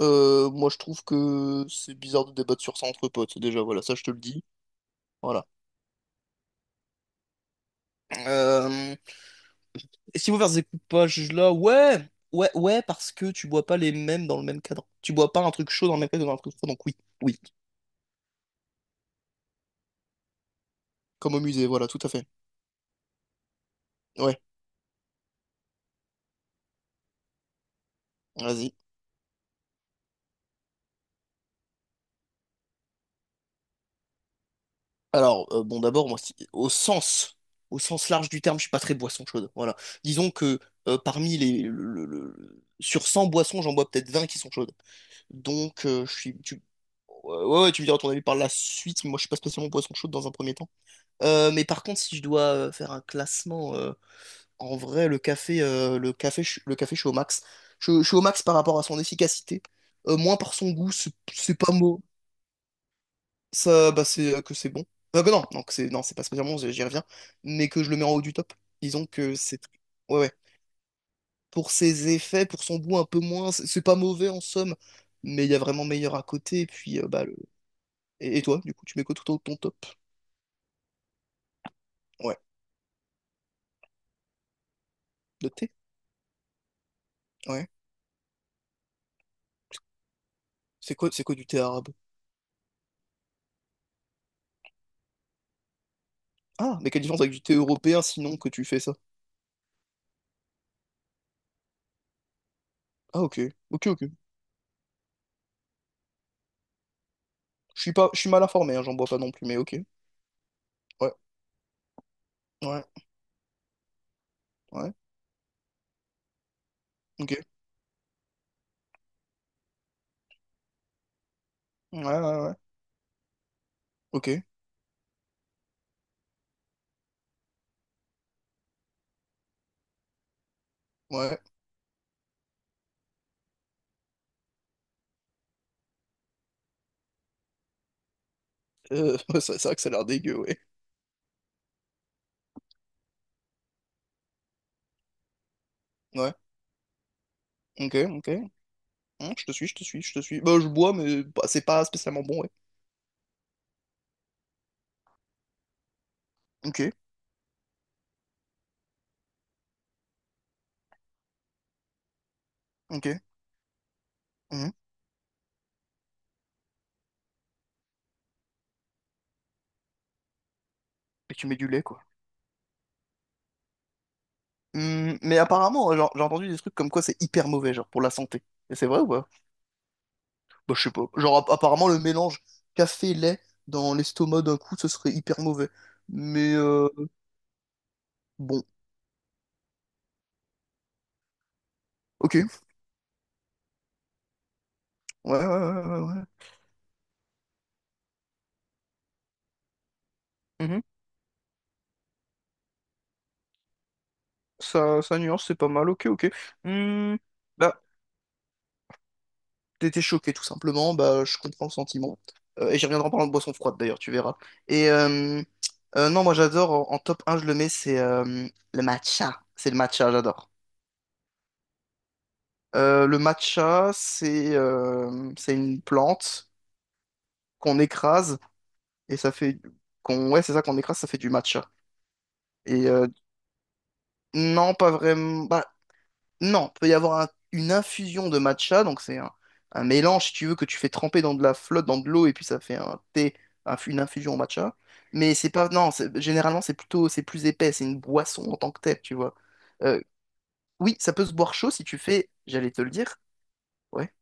Moi, je trouve que c'est bizarre de débattre sur ça entre potes. Déjà, voilà, ça, je te le dis. Voilà. Euh, et si vous faites des coupages là, ouais, ouais, ouais, parce que tu bois pas les mêmes dans le même cadre. Tu bois pas un truc chaud dans le même cadre que dans un truc froid, donc oui, oui. Comme au musée, voilà, tout à fait. Ouais, vas-y. Alors, bon, d'abord, moi, au sens large du terme, je suis pas très boisson chaude. Voilà. Disons que parmi les, le- sur 100 boissons, j'en bois peut-être 20 qui sont chaudes. Donc, je suis. Tu... Ouais, ouais, ouais, tu me diras ton avis par la suite. Moi, je suis pas spécialement poisson chaud dans un premier temps. Mais par contre, si je dois faire un classement, en vrai, le café, je suis au max. Je suis au max par rapport à son efficacité. Moins par son goût. C'est pas mot. Ça, bah, c'est que c'est bon. Bah, que non, non, que c'est non, c'est pas spécialement. J'y reviens. Mais que je le mets en haut du top. Disons que c'est. Ouais, ouais. Pour ses effets, pour son goût un peu moins, c'est pas mauvais en somme. Mais il y a vraiment meilleur à côté. Et puis, bah. Et toi, du coup, tu mets quoi tout en haut de ton top? Ouais. Le thé? Ouais. C'est quoi du thé arabe? Ah, mais quelle différence avec du thé européen sinon que tu fais ça? Ah, ok. Ok, ok. Je suis pas, je suis mal informé, hein, j'en bois pas non plus, mais ok. Ouais, ouais, ouais. Ok. Ouais, ouais, ouais. Ok. Ouais. C'est vrai que ça a l'air dégueu, ouais. Ouais. Ok, ok. Je te suis, je te suis, je te suis. Bah, je bois, mais bah, c'est pas spécialement bon, ouais. Ok, ok. Hum. Et tu mets du lait, quoi. Mais apparemment, genre, j'ai entendu des trucs comme quoi c'est hyper mauvais, genre, pour la santé. Et c'est vrai ou pas? Bah, je sais pas. Genre, apparemment, le mélange café-lait dans l'estomac d'un coup, ce serait hyper mauvais. Mais bon, ok. Ouais, ouais, ouais, ouais, ouais. Mhm. Ça nuance, c'est pas mal. Ok, ok. Hmm. Bah, t'étais choqué, tout simplement. Bah, je comprends le sentiment. Et j'y reviendrai en parlant de boisson froide, d'ailleurs, tu verras. Et non, moi, j'adore. En top un je le mets, c'est le matcha. C'est le matcha, j'adore. Le matcha, c'est une plante qu'on écrase et ça fait qu'on, ouais, c'est ça, qu'on écrase, ça fait du matcha. Et non, pas vraiment. Bah non, peut y avoir une infusion de matcha, donc c'est un mélange, si tu veux, que tu fais tremper dans de la flotte, dans de l'eau, et puis ça fait un thé, une infusion au matcha. Mais c'est pas. Non, généralement c'est plutôt, c'est plus épais, c'est une boisson en tant que telle, tu vois. Euh, oui, ça peut se boire chaud si tu fais, j'allais te le dire, ouais.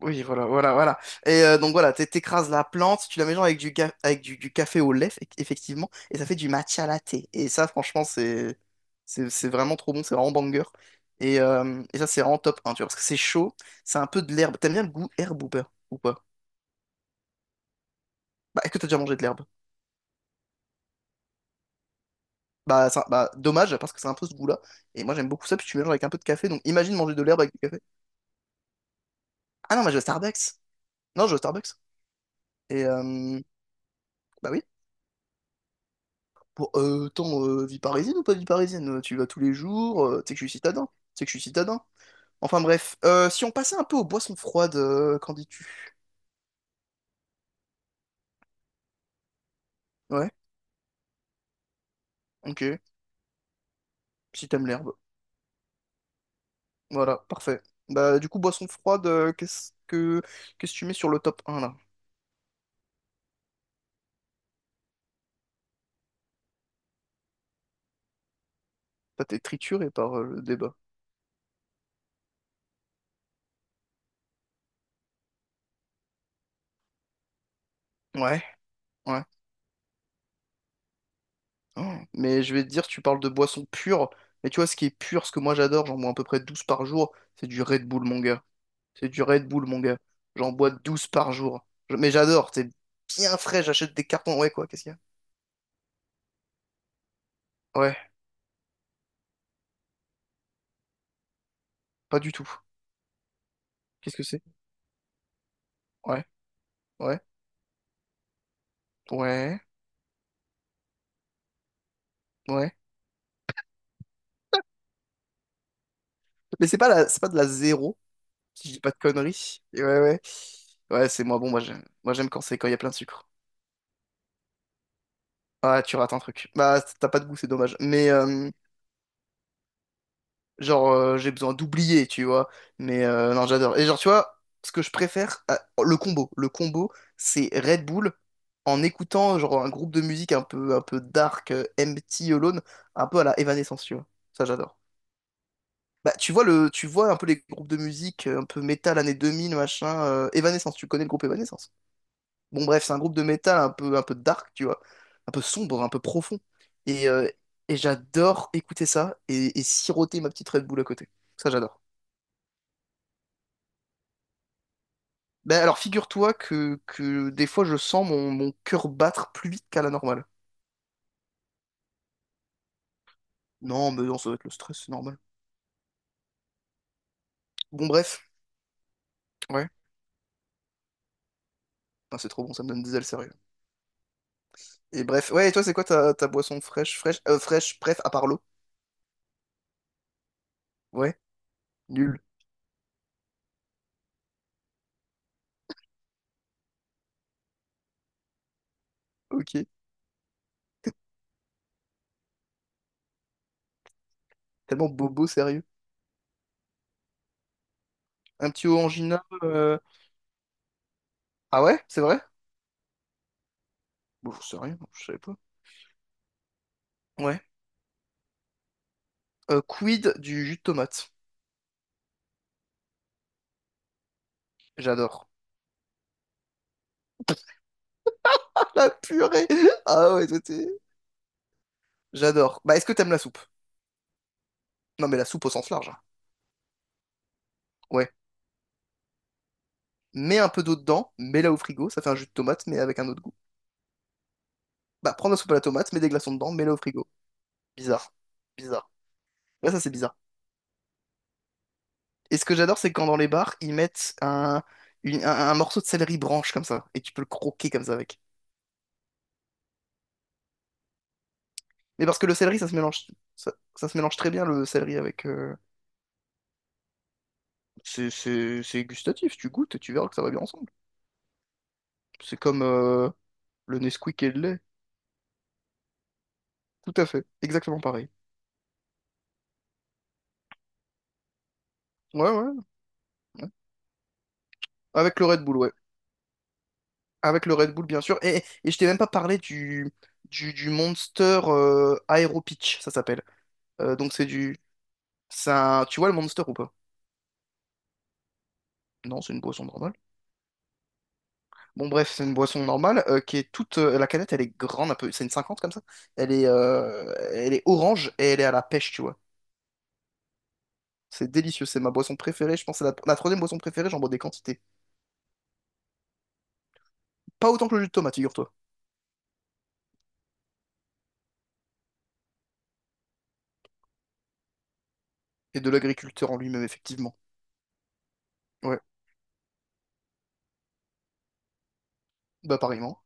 Oui, voilà, voilà, voilà. Et donc voilà, t'écrases la plante, tu la mélanges avec du, ga- avec du café au lait, effectivement, et ça fait du matcha latte. Et ça, franchement, c'est vraiment trop bon, c'est vraiment banger. Et ça, c'est vraiment top 1, tu vois, parce que c'est chaud, c'est un peu de l'herbe. T'aimes bien le goût herbe ou pas? Ou pas? Bah, est-ce que t'as déjà mangé de l'herbe? Bah, bah, dommage, parce que c'est un peu ce goût-là. Et moi, j'aime beaucoup ça, puis tu mélanges avec un peu de café, donc imagine manger de l'herbe avec du café. Ah non, mais je vais au Starbucks. Non, je vais au Starbucks. Et bah oui. Bon, attends, vie parisienne ou pas vie parisienne? Tu vas tous les jours, tu sais que je suis citadin, tu sais que je suis citadin. Enfin bref, si on passait un peu aux boissons froides, qu'en dis-tu? Ouais, ok, si t'aimes l'herbe. Voilà, parfait. Bah du coup, boissons froides, qu'est-ce que tu mets sur le top un là? T'as été trituré par le débat. Ouais, ouais. Oh, mais je vais te dire, tu parles de boissons pures, mais tu vois, ce qui est pur, ce que moi j'adore, j'en bois à peu près 12 par jour, c'est du Red Bull, mon gars. C'est du Red Bull, mon gars. J'en bois 12 par jour. Mais j'adore, c'est bien frais, j'achète des cartons. Ouais, quoi, qu'est-ce qu'il y a? Ouais, pas du tout. Qu'est-ce que c'est? Ouais, ouais, ouais, ouais. Mais c'est pas de la zéro, si je dis pas de conneries. Et ouais, ouais. Ouais, c'est moi, bon, moi, j'aime quand il y a plein de sucre. Ah, tu rates un truc. Bah, t'as pas de goût, c'est dommage. Mais, genre, j'ai besoin d'oublier, tu vois. Mais non, j'adore. Et genre, tu vois, ce que je préfère, le combo. Le combo, c'est Red Bull en écoutant genre un groupe de musique un peu dark, Empty Alone, un peu à la Evanescence, tu vois. Ça, j'adore. Bah, tu vois, tu vois un peu les groupes de musique un peu métal années 2000 machin. Evanescence, tu connais le groupe Evanescence. Bon, bref, c'est un groupe de métal un peu dark, tu vois. Un peu sombre, un peu profond. Et, euh, et j'adore écouter ça et, siroter ma petite Red Bull à côté. Ça, j'adore. Ben alors figure-toi que des fois je sens mon cœur battre plus vite qu'à la normale. Non, mais non, ça doit être le stress, c'est normal. Bon bref, ouais. Putain, c'est trop bon, ça me donne des ailes sérieux. Et bref, ouais, et toi c'est quoi ta boisson fraîche, bref, à part l'eau? Ouais, nul. Ok. Tellement bobo sérieux. Un petit orangina. Ah ouais, c'est vrai? Bon, j'en sais rien, je savais pas. Ouais. Quid du jus de tomate? J'adore. La purée! Ah ouais, toi t'es. J'adore. Bah est-ce que t'aimes la soupe? Non mais la soupe au sens large, hein. Ouais. Mets un peu d'eau dedans, mets-la au frigo, ça fait un jus de tomate, mais avec un autre goût. Bah, prends de la soupe à la tomate, mets des glaçons dedans, mets-la au frigo. Bizarre. Bizarre. Ouais, ça c'est bizarre. Et ce que j'adore, c'est quand dans les bars, ils mettent un morceau de céleri branche comme ça, et tu peux le croquer comme ça avec. Mais parce que le céleri, ça se mélange, ça se mélange très bien le céleri avec. C'est gustatif, tu goûtes et tu verras que ça va bien ensemble. C'est comme le Nesquik et le lait. Tout à fait, exactement pareil. Ouais, ouais, ouais. Avec le Red Bull, ouais. Avec le Red Bull, bien sûr. Et je t'ai même pas parlé du Monster Aero Peach, ça s'appelle. Donc c'est tu vois le Monster ou pas? Non, c'est une boisson normale. Bon, bref, c'est une boisson normale la canette, elle est grande un peu. C'est une 50 comme ça. Elle est orange et elle est à la pêche, tu vois. C'est délicieux. C'est ma boisson préférée. Je pense que c'est la troisième boisson préférée. J'en bois des quantités. Pas autant que le jus de tomate, figure-toi. Et de l'agriculteur en lui-même, effectivement. Ouais, bah pareillement.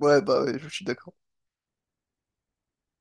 Ouais, bah ouais, je suis d'accord.